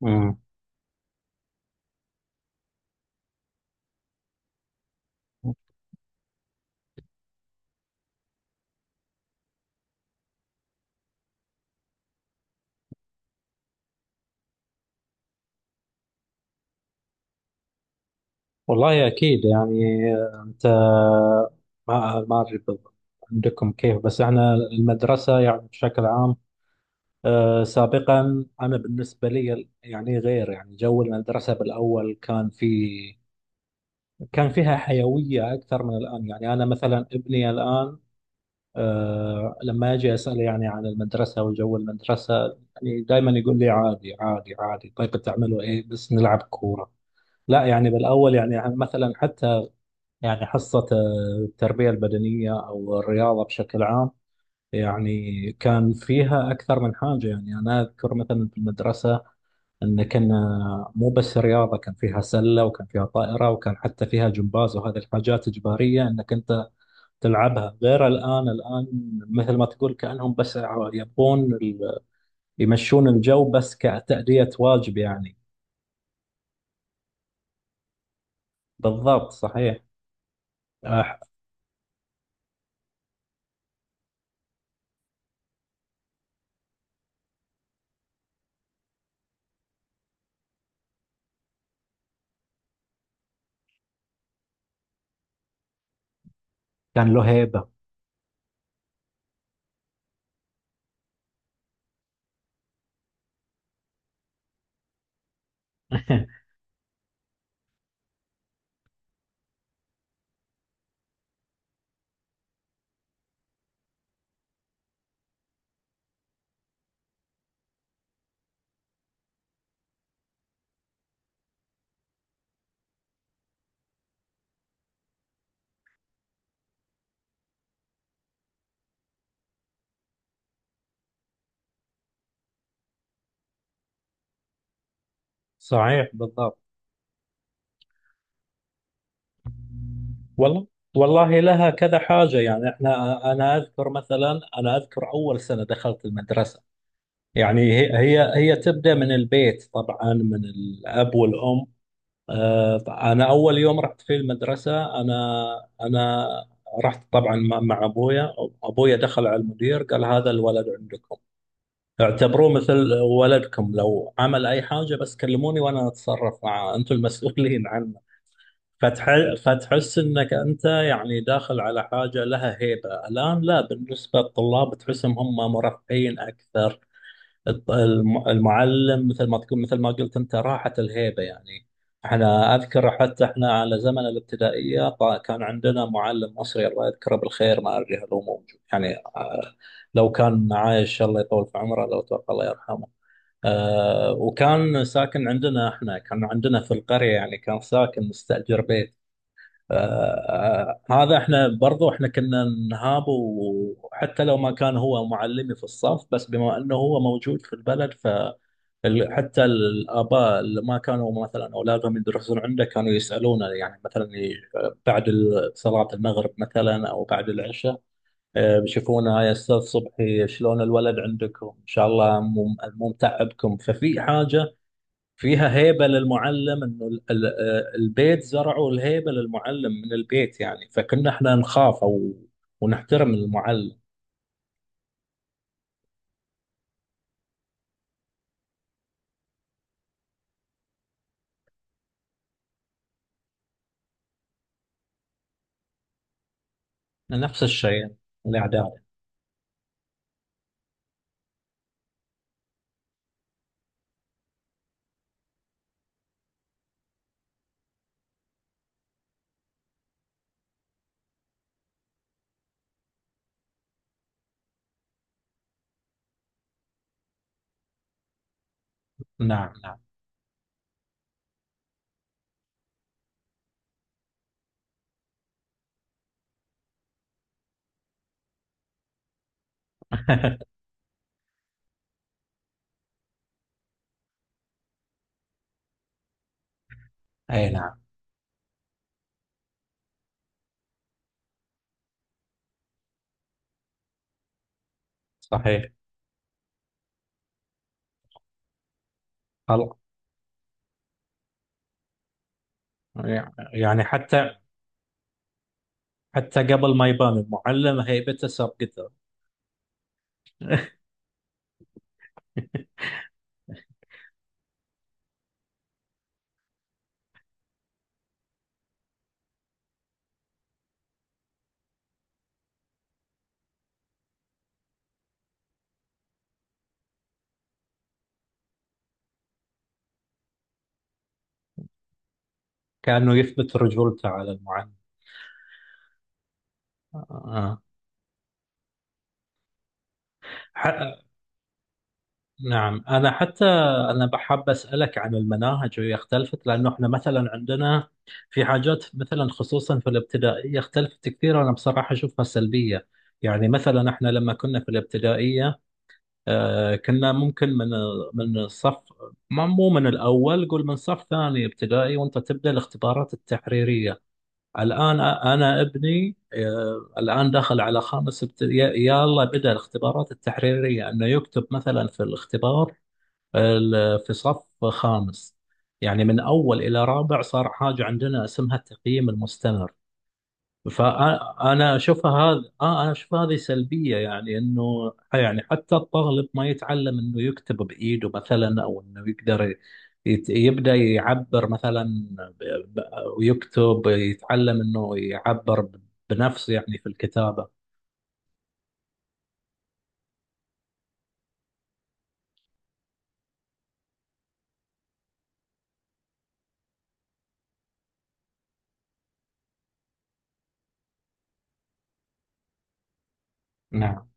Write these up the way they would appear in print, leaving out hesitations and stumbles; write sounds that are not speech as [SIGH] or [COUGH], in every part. مم. والله أكيد يعني، أنت ما أدري بالضبط عندكم كيف، بس احنا المدرسة يعني بشكل عام، سابقا أنا بالنسبة لي يعني غير، يعني جو المدرسة بالأول كان فيها حيوية أكثر من الآن. يعني أنا مثلا ابني الآن، لما أجي أسأله يعني عن المدرسة وجو المدرسة، يعني دائما يقول لي: عادي، عادي، عادي. طيب بتعملوا إيه؟ بس نلعب كورة. لا، يعني بالأول يعني مثلا، حتى يعني حصة التربية البدنية أو الرياضة بشكل عام، يعني كان فيها أكثر من حاجة. يعني أنا أذكر مثلا في المدرسة أن كنا مو بس رياضة، كان فيها سلة وكان فيها طائرة وكان حتى فيها جمباز، وهذه الحاجات إجبارية أنك أنت تلعبها، غير الآن. مثل ما تقول، كأنهم بس يبون يمشون الجو بس كتأدية واجب يعني. بالضبط، صحيح. أح- كان له هيبة. [LAUGHS] صحيح، بالضبط. والله، والله لها كذا حاجة. يعني احنا، انا اذكر مثلا، انا اذكر اول سنة دخلت المدرسة. يعني هي تبدأ من البيت طبعا، من الاب والام. آه، انا اول يوم رحت في المدرسة، انا رحت طبعا مع ابويا. ابويا دخل على المدير، قال: هذا الولد عندكم، اعتبروه مثل ولدكم، لو عمل اي حاجة بس كلموني، وانا اتصرف معاه، انتم المسؤولين عنه. فتحس انك انت يعني داخل على حاجه لها هيبه. الان لا، بالنسبه للطلاب تحسهم هم مرفهين اكثر. المعلم، مثل ما قلت انت، راحت الهيبه يعني. احنا اذكر حتى، احنا على زمن الابتدائيه كان عندنا معلم مصري، الله يذكره بالخير، ما ادري هل هو موجود يعني. لو كان عايش الله يطول في عمره، لو توفى الله يرحمه. وكان ساكن عندنا، احنا كان عندنا في القريه يعني، كان ساكن مستاجر بيت. هذا احنا برضو احنا كنا نهاب، وحتى لو ما كان هو معلمي في الصف، بس بما انه هو موجود في البلد، فحتى الاباء اللي ما كانوا مثلا اولادهم يدرسون عنده كانوا يسالونه، يعني مثلا بعد صلاه المغرب مثلا او بعد العشاء. بيشوفونه: يا استاذ صبحي، شلون الولد عندكم؟ ان شاء الله مو متعبكم. ففي حاجه فيها هيبة للمعلم، انه البيت زرعوا الهيبة للمعلم من البيت يعني، فكنا احنا نخاف او ونحترم المعلم. نفس الشيء. الاعداد. نعم، نعم. [LAUGHS] اي، نعم، صحيح. خلاص، يعني حتى، قبل ما يبان المعلم هيبته سبقته. [LAUGHS] كأنه يثبت رجولته على المعلم. آه. ح- نعم، أنا حتى، أنا بحب أسألك عن المناهج، وهي اختلفت لأنه إحنا مثلا عندنا في حاجات، مثلا خصوصا في الابتدائية اختلفت كثير. أنا بصراحة أشوفها سلبية، يعني مثلا إحنا لما كنا في الابتدائية، كنا ممكن من الصف، مو من الأول، قول من صف ثاني ابتدائي، وأنت تبدأ الاختبارات التحريرية. الآن أنا ابني الآن داخل على خامس ابتدائي، يلا بدأ الاختبارات التحريرية أنه يكتب مثلا في الاختبار في صف خامس. يعني من أول إلى رابع صار حاجة عندنا اسمها التقييم المستمر. فأنا أشوفها هذا، أنا أشوف هذه سلبية، يعني إنه يعني حتى الطالب ما يتعلم إنه يكتب بإيده مثلا، أو إنه يقدر يبدأ يعبر مثلا ب- ب- ويكتب، يتعلم إنه يعبر بنفسه يعني في الكتابة. نعم،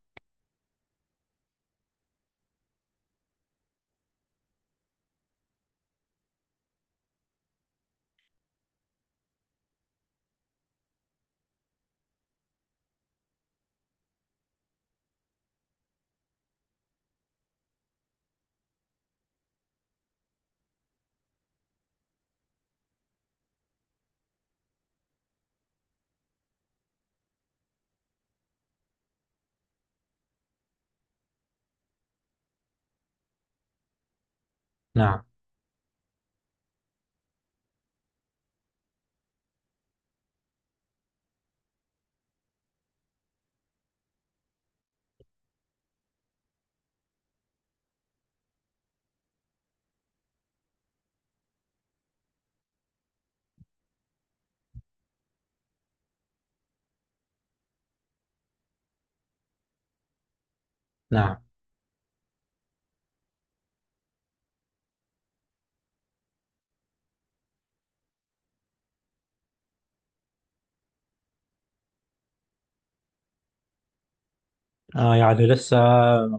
نعم، نعم. يعني لسه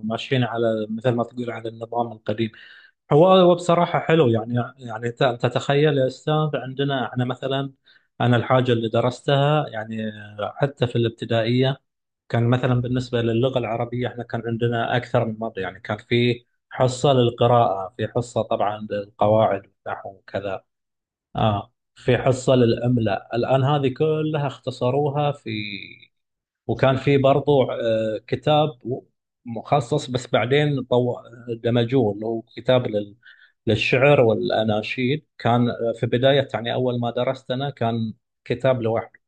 ماشيين، على مثل ما تقول، على النظام القديم. هو بصراحة حلو يعني، تتخيل يا أستاذ عندنا؟ أنا مثلا، أنا الحاجة اللي درستها يعني حتى في الابتدائية، كان مثلا بالنسبة للغة العربية إحنا كان عندنا أكثر من مرة، يعني كان في حصة للقراءة، في حصة طبعا للقواعد والنحو وكذا، في حصة للإملاء. الآن هذه كلها اختصروها في. وكان في برضو كتاب مخصص، بس بعدين دمجوه، اللي هو كتاب للشعر والأناشيد. كان في بداية، يعني أول ما درست أنا، كان كتاب لوحده،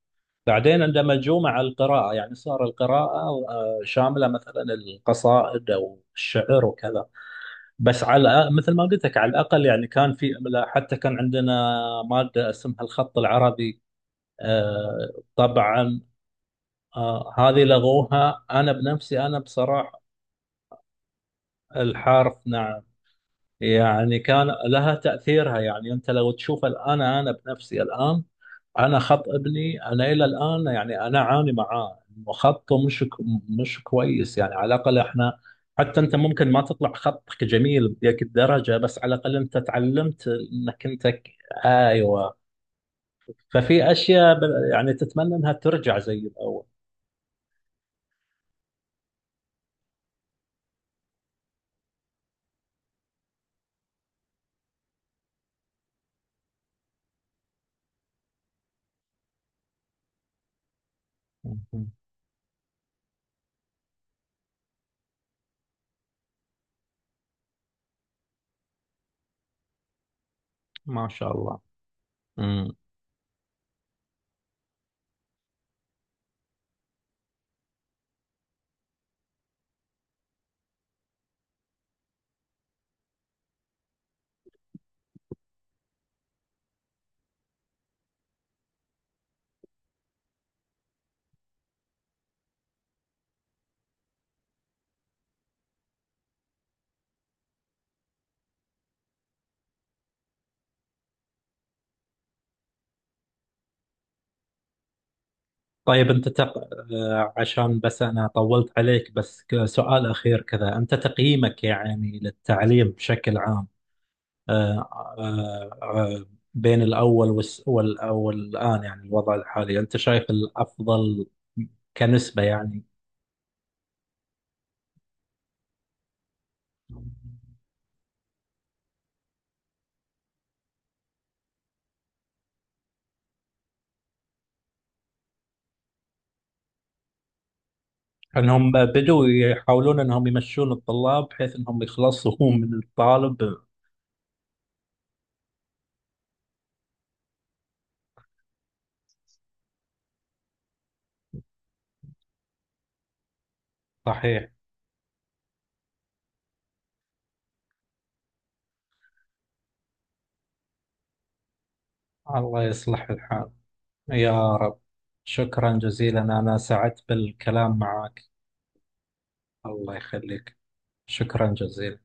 بعدين اندمجوه مع القراءة، يعني صار القراءة شاملة مثلا القصائد أو الشعر وكذا. بس على مثل ما قلت لك، على الأقل يعني كان في، حتى كان عندنا مادة اسمها الخط العربي طبعا. هذه لغوها أنا بنفسي، أنا بصراحة. الحرف، نعم. يعني كان لها تأثيرها، يعني أنت لو تشوف الآن، أنا بنفسي الآن، أنا خط ابني، أنا إلى الآن يعني أنا أعاني معاه إنه خطه مش كويس. يعني على الأقل إحنا، حتى أنت ممكن ما تطلع خطك جميل بديك الدرجة، بس على الأقل أنت تعلمت إنك أنت أيوه. ففي أشياء يعني تتمنى إنها ترجع زي الأول. مهم. ما شاء الله. مم. طيب، أنت عشان بس أنا طولت عليك، بس سؤال أخير كذا. أنت تقييمك يعني للتعليم بشكل عام، آه، آه، آه، بين الأول والآن يعني الوضع الحالي، أنت شايف الأفضل كنسبة يعني؟ أنهم بدوا يحاولون أنهم يمشون الطلاب بحيث أنهم يخلصوا من الطالب. صحيح. الله يصلح الحال، يا رب. شكرا جزيلا، أنا سعدت بالكلام معك. الله يخليك. شكرا جزيلا.